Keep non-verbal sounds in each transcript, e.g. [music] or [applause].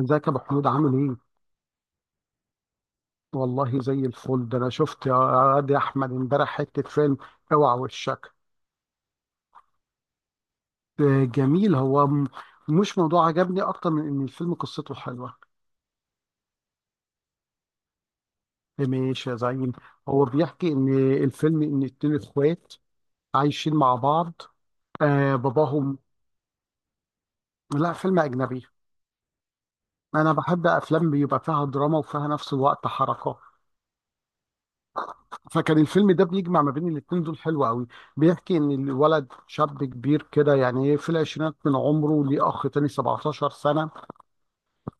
ازيك يا ابو حميد، عامل ايه؟ والله زي الفل. ده انا شفت يا واد يا احمد امبارح حته فيلم. اوعى وشك. آه، جميل. هو مش موضوع عجبني اكتر من ان الفيلم قصته حلوه. آه، ماشي يا زعيم. هو بيحكي ان الفيلم ان اتنين اخوات عايشين مع بعض، آه باباهم. لا، فيلم اجنبي. انا بحب افلام بيبقى فيها دراما وفيها نفس الوقت حركه. فكان الفيلم ده بيجمع ما بين الاتنين دول، حلو قوي. بيحكي ان الولد شاب كبير كده، يعني في العشرينات من عمره، ليه اخ تاني 17 سنه،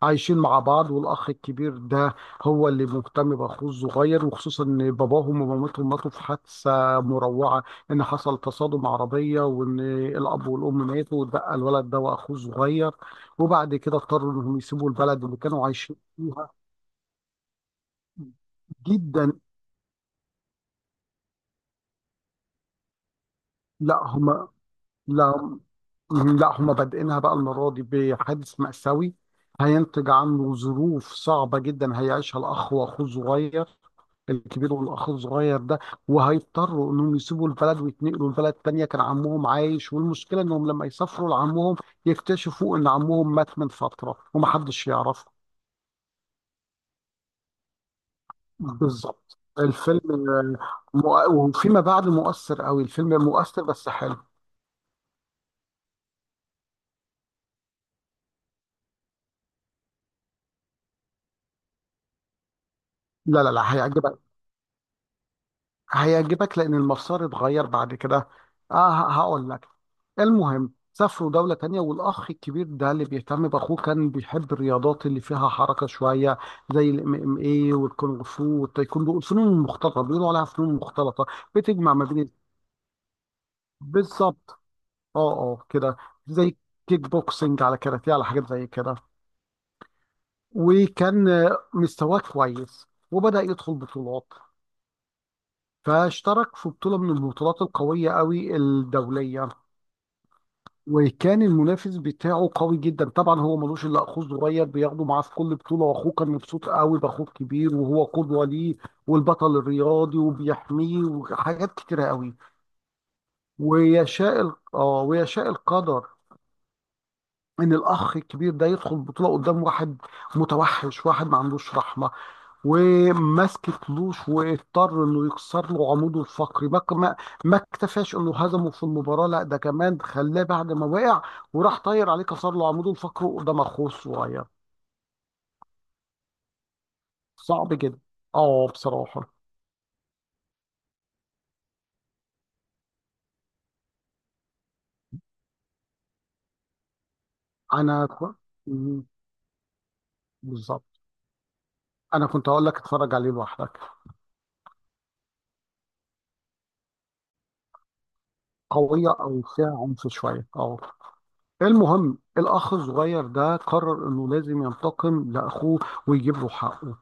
عايشين مع بعض، والاخ الكبير ده هو اللي مهتم باخوه الصغير، وخصوصا ان باباهم ومامتهم ماتوا في حادثه مروعه، ان حصل تصادم عربيه، وان الاب والام ماتوا واتبقى الولد ده واخوه الصغير، وبعد كده اضطروا انهم يسيبوا البلد اللي كانوا عايشين فيها. جدا. لا هم. لا لا، هم بادئينها بقى المرة دي بحادث مأساوي، هينتج عنه ظروف صعبة جدا هيعيشها الأخ وأخوه الصغير، الكبير والأخ الصغير ده، وهيضطروا إنهم يسيبوا البلد ويتنقلوا لبلد تانية كان عمهم عايش، والمشكلة إنهم لما يسافروا لعمهم يكتشفوا إن عمهم مات من فترة ومحدش يعرفه. بالظبط الفيلم، آه، وفيما بعد مؤثر قوي، الفيلم مؤثر بس حلو. لا لا لا، هيعجبك. هيعجبك لان المسار اتغير بعد كده. اه، هقول لك. المهم سافروا دولة تانية، والأخ الكبير ده اللي بيهتم بأخوه كان بيحب الرياضات اللي فيها حركة شوية، زي الام ام اي والكونغ فو والتايكوندو. الفنون المختلطة بيقولوا عليها فنون مختلطة، بتجمع ما بين. بالظبط. اه اه كده، زي كيك بوكسنج على كاراتيه على حاجات زي كده. وكان آه، مستواه كويس وبدأ يدخل بطولات. فاشترك في بطولة من البطولات القوية قوي الدولية، وكان المنافس بتاعه قوي جدا، طبعا هو ملوش الا اخوه الصغير بياخده معاه في كل بطوله، واخوه كان مبسوط قوي باخوه الكبير وهو قدوه ليه، والبطل الرياضي وبيحميه وحاجات كتيره قوي. ويشاء ال- اه ويشاء القدر ان الاخ الكبير ده يدخل بطوله قدام واحد متوحش، واحد ما عندوش رحمه، وماسك فلوس، واضطر انه يكسر له عموده الفقري. ما اكتفاش انه هزمه في المباراه، لا ده كمان خلاه بعد ما وقع وراح طاير عليه، كسر له عموده الفقري قدام اخوه الصغير. صعب جدا. اه، بصراحه. انا ك- مم، بالظبط. انا كنت هقول لك اتفرج عليه لوحدك. قويه او فيها عنف شويه، اه. المهم الأخ الصغير ده قرر إنه لازم ينتقم لأخوه ويجيب له حقه،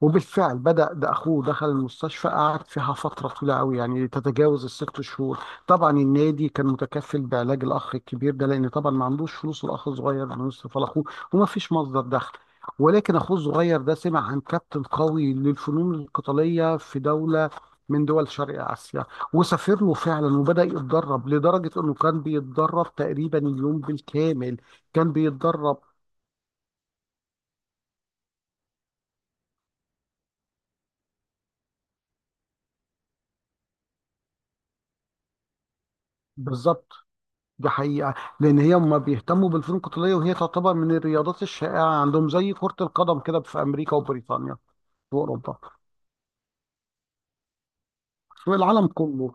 وبالفعل بدأ. ده أخوه دخل المستشفى قعد فيها فترة طويلة قوي، يعني تتجاوز الست شهور. طبعا النادي كان متكفل بعلاج الأخ الكبير ده، لأن طبعا ما عندوش فلوس الأخ الصغير إنه يصرف على أخوه، وما فيش مصدر دخل. ولكن أخوه الصغير ده سمع عن كابتن قوي للفنون القتالية في دولة من دول شرق آسيا، وسافر له فعلا وبدأ يتدرب، لدرجة إنه كان بيتدرب تقريبا اليوم بالكامل. كان بيتدرب. بالظبط، دي حقيقة. لأن هي ما بيهتموا بالفنون القتالية، وهي تعتبر من الرياضات الشائعة عندهم، زي كرة القدم كده في أمريكا وبريطانيا وأوروبا. في العالم كله.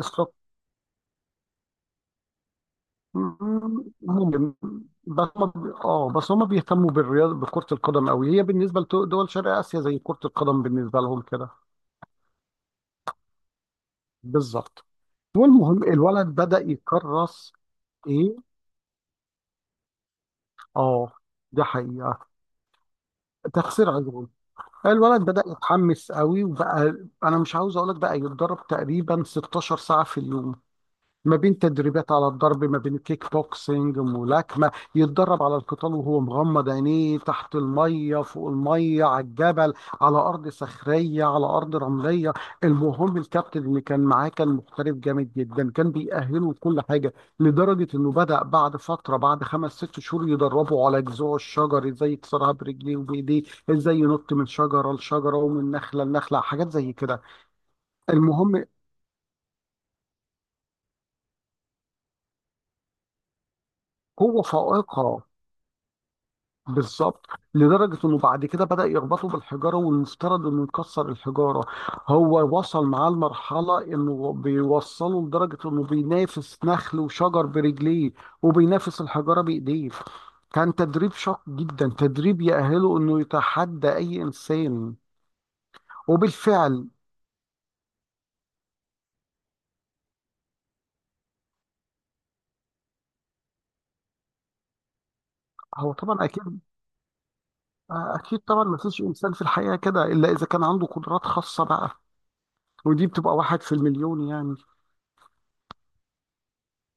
الص- ممكن. بس هم بيهتموا بالرياضة بكرة القدم أوي، هي بالنسبة لدول شرق آسيا زي كرة القدم بالنسبة لهم كده. بالظبط. والمهم الولد بدأ يكرس. إيه. اه، دي حقيقة. تخسير عضله. الولد بدأ يتحمس قوي وبقى، انا مش عاوز اقول لك بقى يتدرب تقريبا 16 ساعة في اليوم، ما بين تدريبات على الضرب، ما بين كيك بوكسينج ملاكمة، يتدرب على القتال وهو مغمض عينيه، تحت المية، فوق المية، على الجبل، على أرض صخرية، على أرض رملية. المهم الكابتن اللي كان معاه كان محترف جامد جدا، كان بيأهله كل حاجة، لدرجة إنه بدأ بعد فترة، بعد خمس ست شهور، يدربه على جذوع الشجر إزاي يكسرها برجليه وبإيديه، إزاي ينط من شجرة لشجرة ومن نخلة لنخلة، حاجات زي كده. المهم قوة فائقة. بالظبط، لدرجة انه بعد كده بدأ يربطه بالحجارة والمفترض انه يكسر الحجارة. هو وصل معاه لمرحلة انه بيوصله لدرجة انه بينافس نخل وشجر برجليه، وبينافس الحجارة بايديه. كان تدريب شاق جدا، تدريب يأهله انه يتحدى اي انسان. وبالفعل. هو طبعا اكيد. اكيد طبعا، ما فيش انسان في الحقيقة كده الا اذا كان عنده قدرات خاصة بقى، ودي بتبقى واحد في المليون يعني.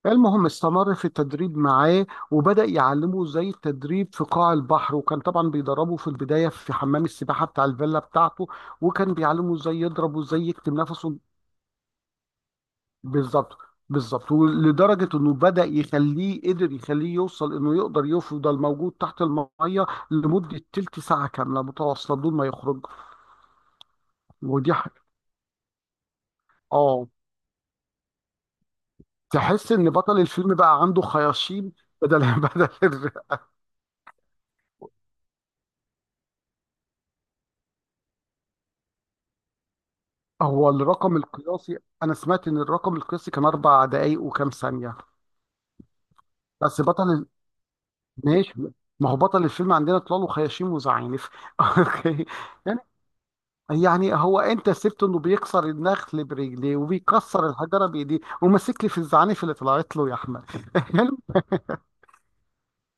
المهم استمر في التدريب معاه، وبدأ يعلمه ازاي التدريب في قاع البحر، وكان طبعا بيدربه في البداية في حمام السباحة بتاع الفيلا بتاعته، وكان بيعلمه ازاي يضرب وازاي يكتم نفسه. بالظبط. بالظبط، ولدرجة انه بدأ يخليه قدر يخليه يوصل انه يقدر يفضل موجود تحت المية لمدة تلت ساعة كاملة متواصلة بدون ما يخرج. ودي ح... اه، تحس ان بطل الفيلم بقى عنده خياشيم. بدل [laughs] بدل. هو الرقم القياسي. انا سمعت ان الرقم القياسي كان 4 دقايق وكام ثانيه. بس بطل ال- ماشي. ما هو بطل الفيلم عندنا طلال وخياشيم وزعانف [laughs] اوكي. يعني، هو انت سبته انه بيكسر النخل برجليه وبيكسر الحجره بايديه، وماسك لي في الزعانف اللي طلعت له يا احمد [laughs] الم-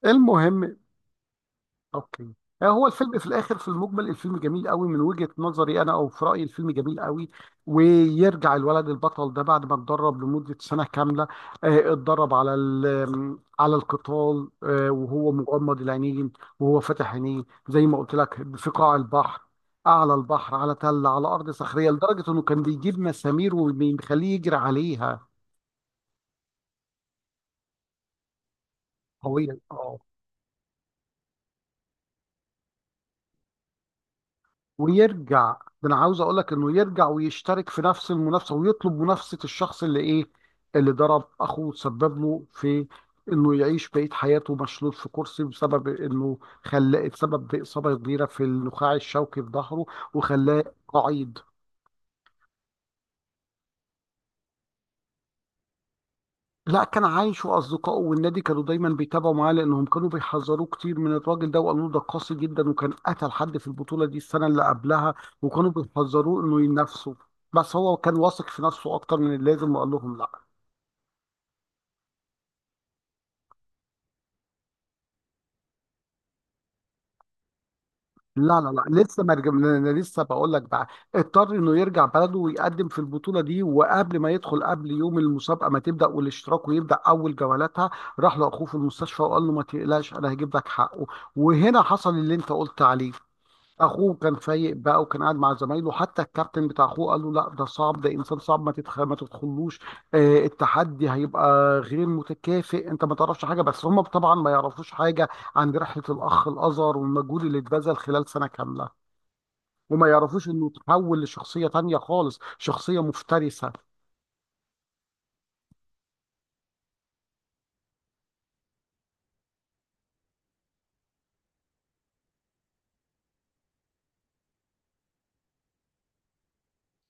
المهم اوكي. آه، هو الفيلم في الاخر، في المجمل الفيلم جميل قوي من وجهة نظري انا، او في رايي الفيلم جميل قوي. ويرجع الولد البطل ده بعد ما اتدرب لمدة سنة كاملة، آه، اتدرب على القتال، آه، وهو مغمض العينين، وهو فاتح عينيه، زي ما قلت لك، في قاع البحر، اعلى البحر، على تل، على ارض صخريه، لدرجه انه كان بيجيب مسامير وبيخليه يجري عليها. قويه. ويرجع، ده انا عاوز اقول لك انه يرجع ويشترك في نفس المنافسه ويطلب منافسه الشخص اللي ايه، اللي ضرب اخوه وسبب له في انه يعيش بقيه حياته مشلول في كرسي، بسبب انه خلاه اتسبب باصابه كبيره في النخاع الشوكي في ظهره، وخلاه قعيد. لا، كان عايش واصدقائه والنادي كانوا دايما بيتابعوا معاه، لانهم كانوا بيحذروه كتير من الراجل ده، وقالوا له ده قاسي جدا، وكان قتل حد في البطوله دي السنه اللي قبلها. وكانوا بيحذروه انه ينافسه. بس هو كان واثق في نفسه اكتر من اللازم وقال لهم لا. لا لا لا، لسه ما رجع- انا لسه بقول لك بقى. اضطر انه يرجع بلده ويقدم في البطوله دي، وقبل ما يدخل، قبل يوم المسابقه ما تبدا والاشتراك ويبدا اول جولاتها، راح لاخوه في المستشفى وقال له ما تقلقش، انا هجيب لك حقه. وهنا حصل اللي انت قلت عليه. اخوه كان فايق بقى، وكان قاعد مع زمايله، حتى الكابتن بتاع اخوه قال له لا، ده صعب، ده انسان صعب، ما تدخل، ما تدخلوش، آه التحدي هيبقى غير متكافئ، انت ما تعرفش حاجه. بس هم طبعا ما يعرفوش حاجه عن رحله الاخ الازهر والمجهود اللي اتبذل خلال سنه كامله، وما يعرفوش انه تحول لشخصيه تانية خالص، شخصيه مفترسه.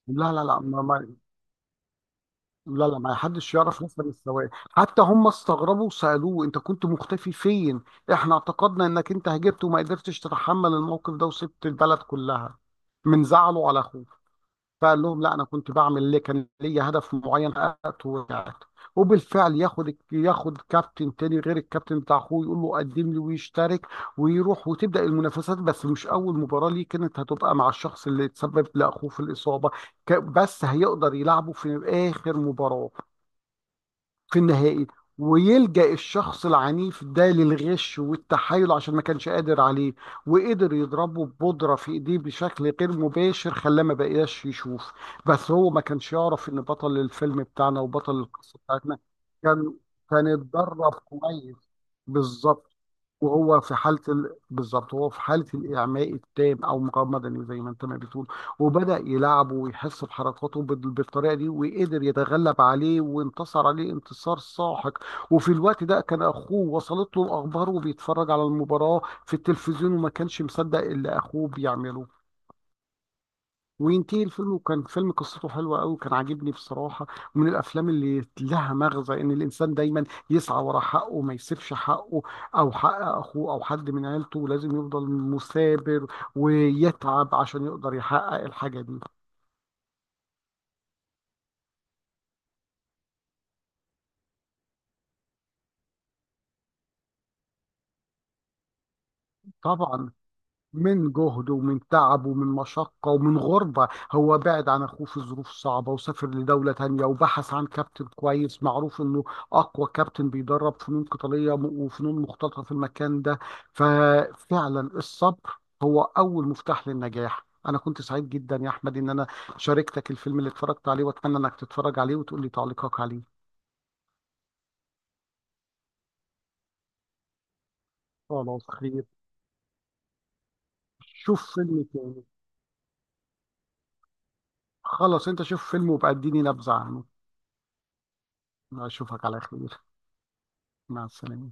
لا لا لا، ما, ما لا لا، ما حدش يعرف نفسه من السواق، حتى هم استغربوا وسألوه انت كنت مختفي فين، احنا اعتقدنا انك انت هجبت وما قدرتش تتحمل الموقف ده وسبت البلد كلها من زعله على اخوه، فقال لهم لا، انا كنت بعمل ليه، كان ليا هدف معين حققته ورجعت. وبالفعل ياخد كابتن تاني غير الكابتن بتاع اخوه، يقول له قدم لي، ويشترك ويروح وتبدأ المنافسات، بس مش اول مباراة ليه كانت هتبقى مع الشخص اللي تسبب لاخوه في الإصابة، بس هيقدر يلعبه في اخر مباراة، في النهائي. ويلجأ الشخص العنيف ده للغش والتحايل عشان ما كانش قادر عليه، وقدر يضربه ببودرة في ايديه بشكل غير مباشر، خلاه ما بقاش يشوف. بس هو ما كانش يعرف ان بطل الفيلم بتاعنا وبطل القصة بتاعتنا كان كان اتدرب كويس. بالظبط، وهو في حالة ال... بالظبط هو في حالة الإعماء التام أو مقاومة مدنية زي ما أنت ما بتقول. وبدأ يلعبه ويحس بحركاته بالطريقة دي، وقدر يتغلب عليه وانتصر عليه انتصار ساحق. وفي الوقت ده كان أخوه وصلت له الأخبار وبيتفرج على المباراة في التلفزيون، وما كانش مصدق اللي أخوه بيعمله. وينتهي الفيلم، وكان فيلم قصته حلوة أوي، كان عاجبني بصراحة. ومن الأفلام اللي لها مغزى إن الإنسان دايما يسعى ورا حقه، ما يسيبش حقه أو حق أخوه أو حد من عيلته، لازم يفضل مثابر ويتعب عشان يقدر يحقق الحاجة دي. طبعا، من جهد ومن تعب ومن مشقة ومن غربة، هو بعد عن أخوه في ظروف صعبة وسافر لدولة تانية وبحث عن كابتن كويس معروف إنه أقوى كابتن بيدرب فنون قتالية وفنون مختلطة في المكان ده. ففعلا الصبر هو أول مفتاح للنجاح. أنا كنت سعيد جدا يا أحمد إن أنا شاركتك الفيلم اللي اتفرجت عليه، وأتمنى إنك تتفرج عليه وتقول لي تعليقك عليه. خلاص، خير. شوف فيلم تاني. خلاص، أنت شوف فيلم وبقى اديني نبذة عنه. أشوفك على خير. مع السلامة.